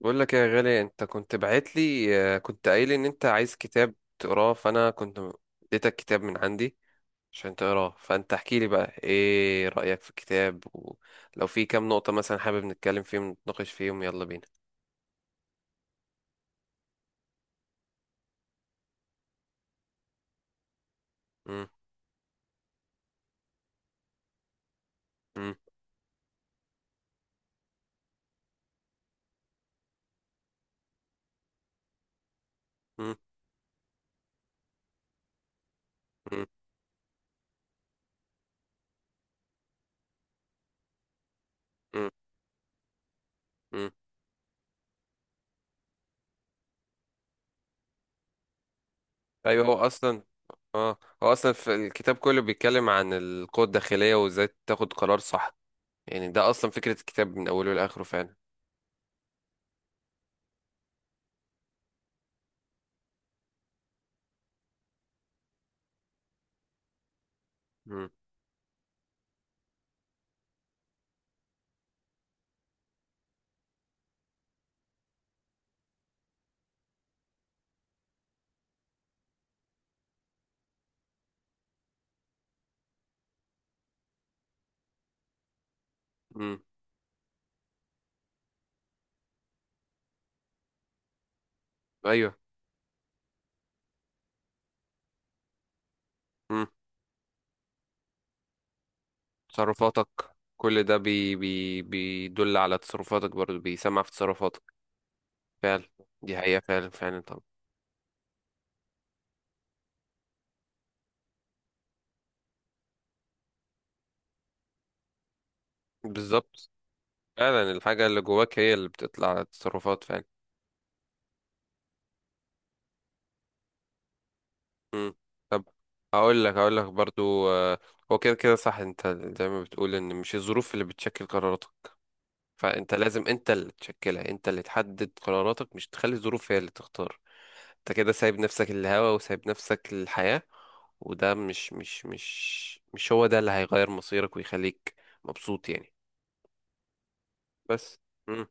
بقول لك يا غالي، انت كنت بعت لي. كنت قايل ان انت عايز كتاب تقراه، فانا كنت اديتك كتاب من عندي عشان تقراه. فانت احكي لي بقى ايه رأيك في الكتاب، ولو في كام نقطة مثلا حابب نتكلم فيهم نتناقش فيهم، يلا بينا. مم، مم، مم، مم، مم، مم. ايوه هو اصلا اه هو اصلا في الكتاب كله بيتكلم عن القوة الداخلية وازاي تاخد قرار صح. يعني ده اصلا فكرة الكتاب من اوله لاخره فعلا. مم، مم، ايوه. تصرفاتك. كل ده بي بي بيدل على تصرفاتك، برضو بيسمع في تصرفاتك. فعلا. دي حقيقة فعلا فعلا طبعا. بالظبط. فعلا الحاجة اللي جواك هي اللي بتطلع على التصرفات فعلا. مم. طب، هقول لك برضو، هو كده كده صح. انت زي ما بتقول ان مش الظروف اللي بتشكل قراراتك. فانت لازم انت اللي تشكلها، انت اللي تحدد قراراتك، مش تخلي الظروف هي اللي تختار. انت كده سايب نفسك الهوا وسايب نفسك الحياة. وده مش هو ده اللي هيغير مصيرك ويخليك مبسوط يعني. بس مم.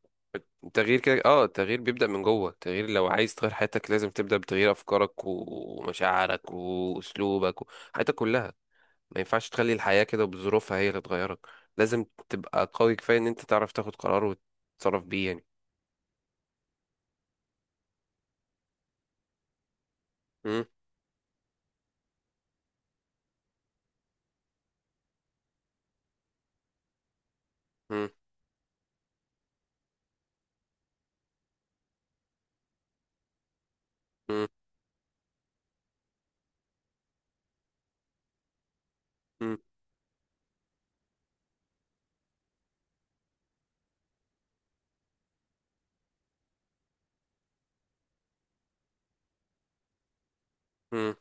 التغيير كده، اه، التغيير بيبدأ من جوه. التغيير لو عايز تغير حياتك لازم تبدأ بتغيير أفكارك ومشاعرك وأسلوبك حياتك كلها. ما ينفعش تخلي الحياة كده بظروفها هي اللي تغيرك. لازم تبقى قوي كفاية إن أنت تعرف تاخد قرار وتتصرف بيه يعني. امم. مم، مم، مم، مم.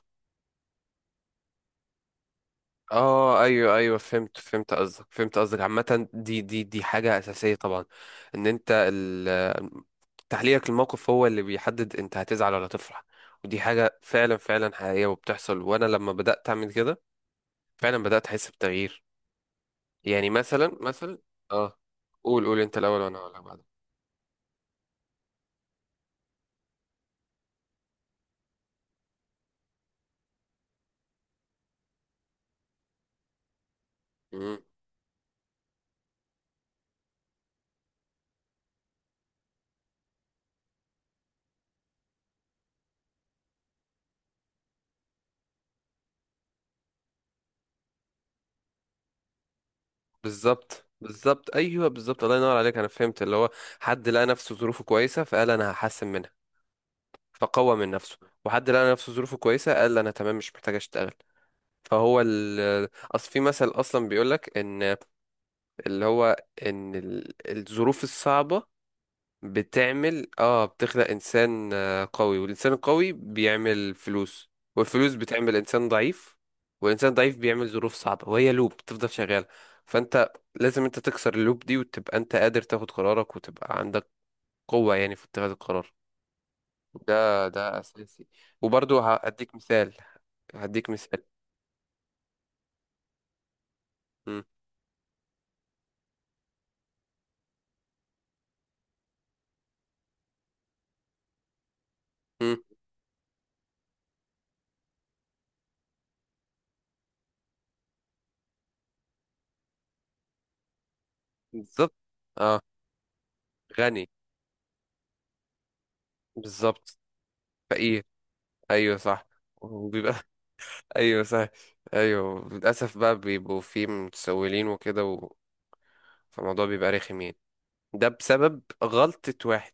اه، ايوه ايوه، فهمت فهمت قصدك فهمت قصدك. عامة دي حاجة أساسية طبعا. ان انت تحليلك للموقف هو اللي بيحدد انت هتزعل ولا تفرح. ودي حاجة فعلا فعلا حقيقية وبتحصل. وانا لما بدأت اعمل كده فعلا بدأت احس بتغيير. يعني مثلا، اه، قول قول انت الاول وانا اقول لك بعدين. مم. بالظبط بالظبط، ايوه بالظبط. الله ينور عليك. انا فهمت اللي هو حد لقى نفسه ظروفه كويسة فقال انا هحسن منها، فقوى من نفسه. وحد لقى نفسه ظروفه كويسة قال انا تمام مش محتاج اشتغل. فهو اصل في مثل اصلا بيقولك ان اللي هو ان الظروف الصعبة بتعمل، اه، بتخلق انسان، قوي. والانسان القوي بيعمل فلوس، والفلوس بتعمل انسان ضعيف، والانسان ضعيف بيعمل ظروف صعبة، وهي لوب بتفضل شغالة. فانت لازم انت تكسر اللوب دي، وتبقى انت قادر تاخد قرارك، وتبقى عندك قوة يعني في اتخاذ القرار. ده اساسي. وبرضه هديك مثال. مم. مم. بالظبط. اه. غني. بالظبط. فقير. ايوه صح. وبيبقى ايوه صح. ايوه للاسف بقى بيبقوا فيه متسولين وكده و... فالموضوع بيبقى رخم يعني، ده بسبب غلطة واحد.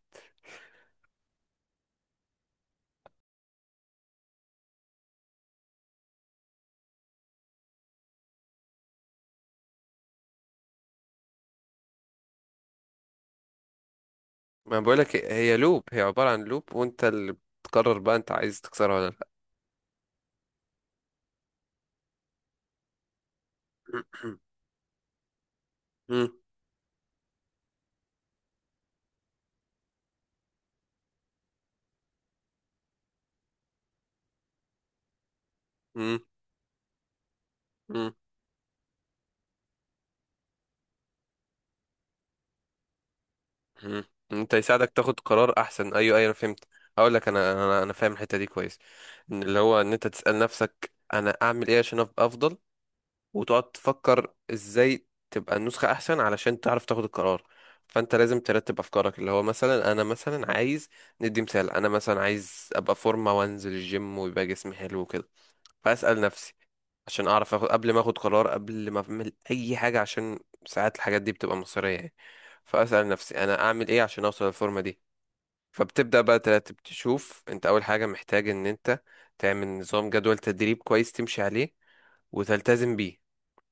ما بقولك هي لوب، هي عبارة عن لوب، وانت اللي بتقرر بقى انت عايز تكسرها ولا لا. مم. مم. مم. مم. انت يساعدك تاخد قرار احسن. ايوه ايوه انا فهمت. هقول لك، انا فاهم الحته دي كويس. ان اللي هو ان انت تسال نفسك انا اعمل ايه عشان ابقى افضل، وتقعد تفكر ازاي تبقى النسخه احسن علشان تعرف تاخد القرار. فانت لازم ترتب افكارك. اللي هو مثلا انا مثلا عايز، ندي مثال، انا مثلا عايز ابقى فورمه وانزل الجيم ويبقى جسمي حلو وكده. فاسال نفسي عشان اعرف أخد، قبل ما اخد قرار قبل ما اعمل اي حاجه، عشان ساعات الحاجات دي بتبقى مصيريه يعني. فاسال نفسي انا اعمل ايه عشان اوصل للفورمه دي. فبتبدا بقى ترتب، تشوف انت اول حاجه محتاج ان انت تعمل نظام، جدول تدريب كويس تمشي عليه وتلتزم بيه.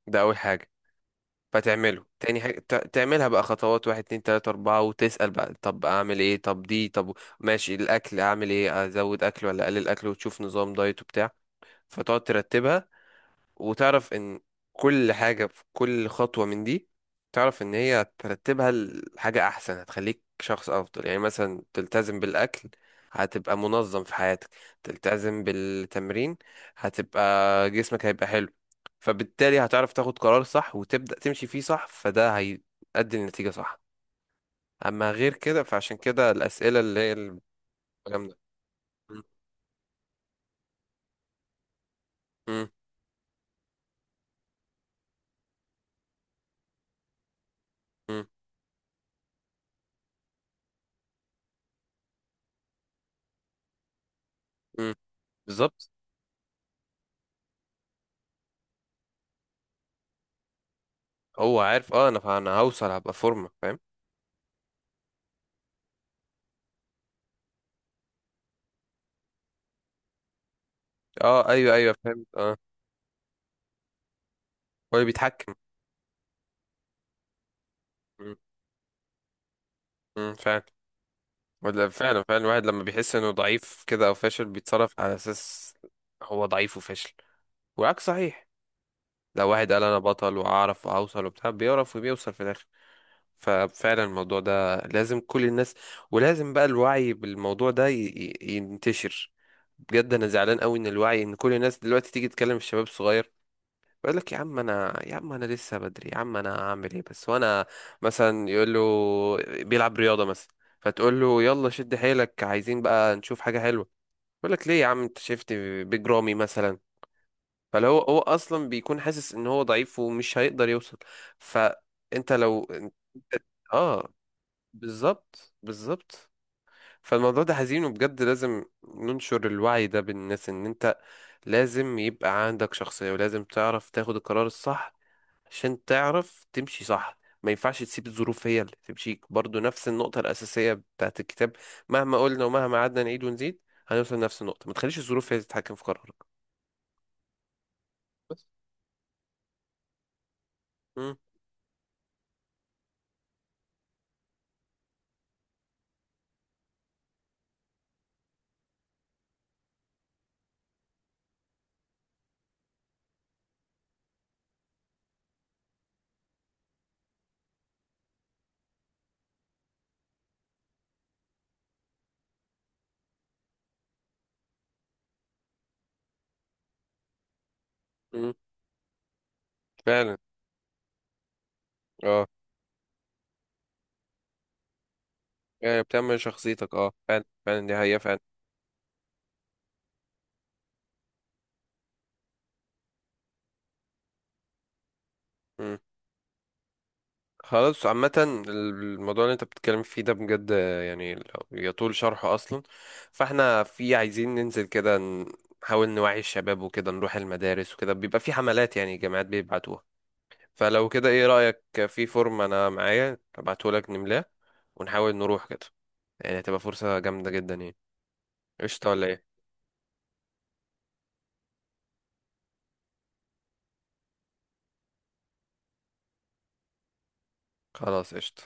ده أول حاجة. فتعمله تاني حاجة، تعملها بقى خطوات، واحد اتنين تلاتة أربعة، وتسأل بقى طب أعمل إيه، طب دي، طب ماشي، الأكل أعمل إيه، أزود أكل ولا أقلل أكل، وتشوف نظام دايت وبتاع. فتقعد ترتبها، وتعرف ان كل حاجة في كل خطوة من دي، تعرف ان هي ترتبها لحاجة احسن هتخليك شخص افضل. يعني مثلا تلتزم بالاكل، هتبقى منظم في حياتك. تلتزم بالتمرين، هتبقى، جسمك هيبقى حلو. فبالتالي هتعرف تاخد قرار صح وتبدأ تمشي فيه صح، فده هيؤدي لنتيجة صح. اما غير كده فعشان كده الاسئلة اللي هي الكلام ده. م- م- م- م. بالظبط. هو عارف، اه، انا هوصل هبقى فورمة، فاهم. اه ايوه ايوه فهمت. اه هو اللي بيتحكم. مم، مم، فعلا. ولا فعلا فعلا، الواحد لما بيحس انه ضعيف كده او فاشل بيتصرف على اساس هو ضعيف وفاشل. والعكس صحيح، لو واحد قال انا بطل واعرف واوصل وبتاع، بيعرف وبيوصل في الاخر. ففعلا الموضوع ده لازم كل الناس، ولازم بقى الوعي بالموضوع ده ينتشر. بجد انا زعلان قوي ان الوعي، ان كل الناس دلوقتي تيجي تكلم الشباب الصغير، بقول لك يا عم انا، يا عم انا لسه بدري، يا عم انا هعمل ايه بس وانا، مثلا يقول له، بيلعب رياضه مثلا، فتقول له يلا شد حيلك عايزين بقى نشوف حاجه حلوه، يقول لك ليه يا عم انت شفت بجرامي مثلا. فلو هو اصلا بيكون حاسس ان هو ضعيف ومش هيقدر يوصل، فانت لو، اه، بالظبط بالظبط. فالموضوع ده حزين وبجد لازم ننشر الوعي ده بالناس، ان انت لازم يبقى عندك شخصية، ولازم تعرف تاخد القرار الصح عشان تعرف تمشي صح. ما ينفعش تسيب الظروف هي اللي تمشيك، برضو نفس النقطة الأساسية بتاعت الكتاب. مهما قلنا ومهما قعدنا نعيد ونزيد، هنوصل لنفس النقطة، ما تخليش الظروف هي اللي تتحكم في قرارك. بس مم. مم. فعلا، اه، يعني بتعمل شخصيتك، اه فعلا فعلا دي حقيقة فعلا. مم. خلاص، عامة الموضوع اللي انت بتتكلم فيه ده بجد، يعني يطول شرحه أصلا. فاحنا في، عايزين ننزل كده، نحاول نوعي الشباب وكده، نروح المدارس وكده، بيبقى في حملات يعني جامعات بيبعتوها. فلو كده ايه رأيك، في فورم انا معايا ابعتهولك نملاه ونحاول نروح كده، يعني هتبقى فرصة جامدة جدا يعني. قشطة ولا ايه؟ خلاص قشطة.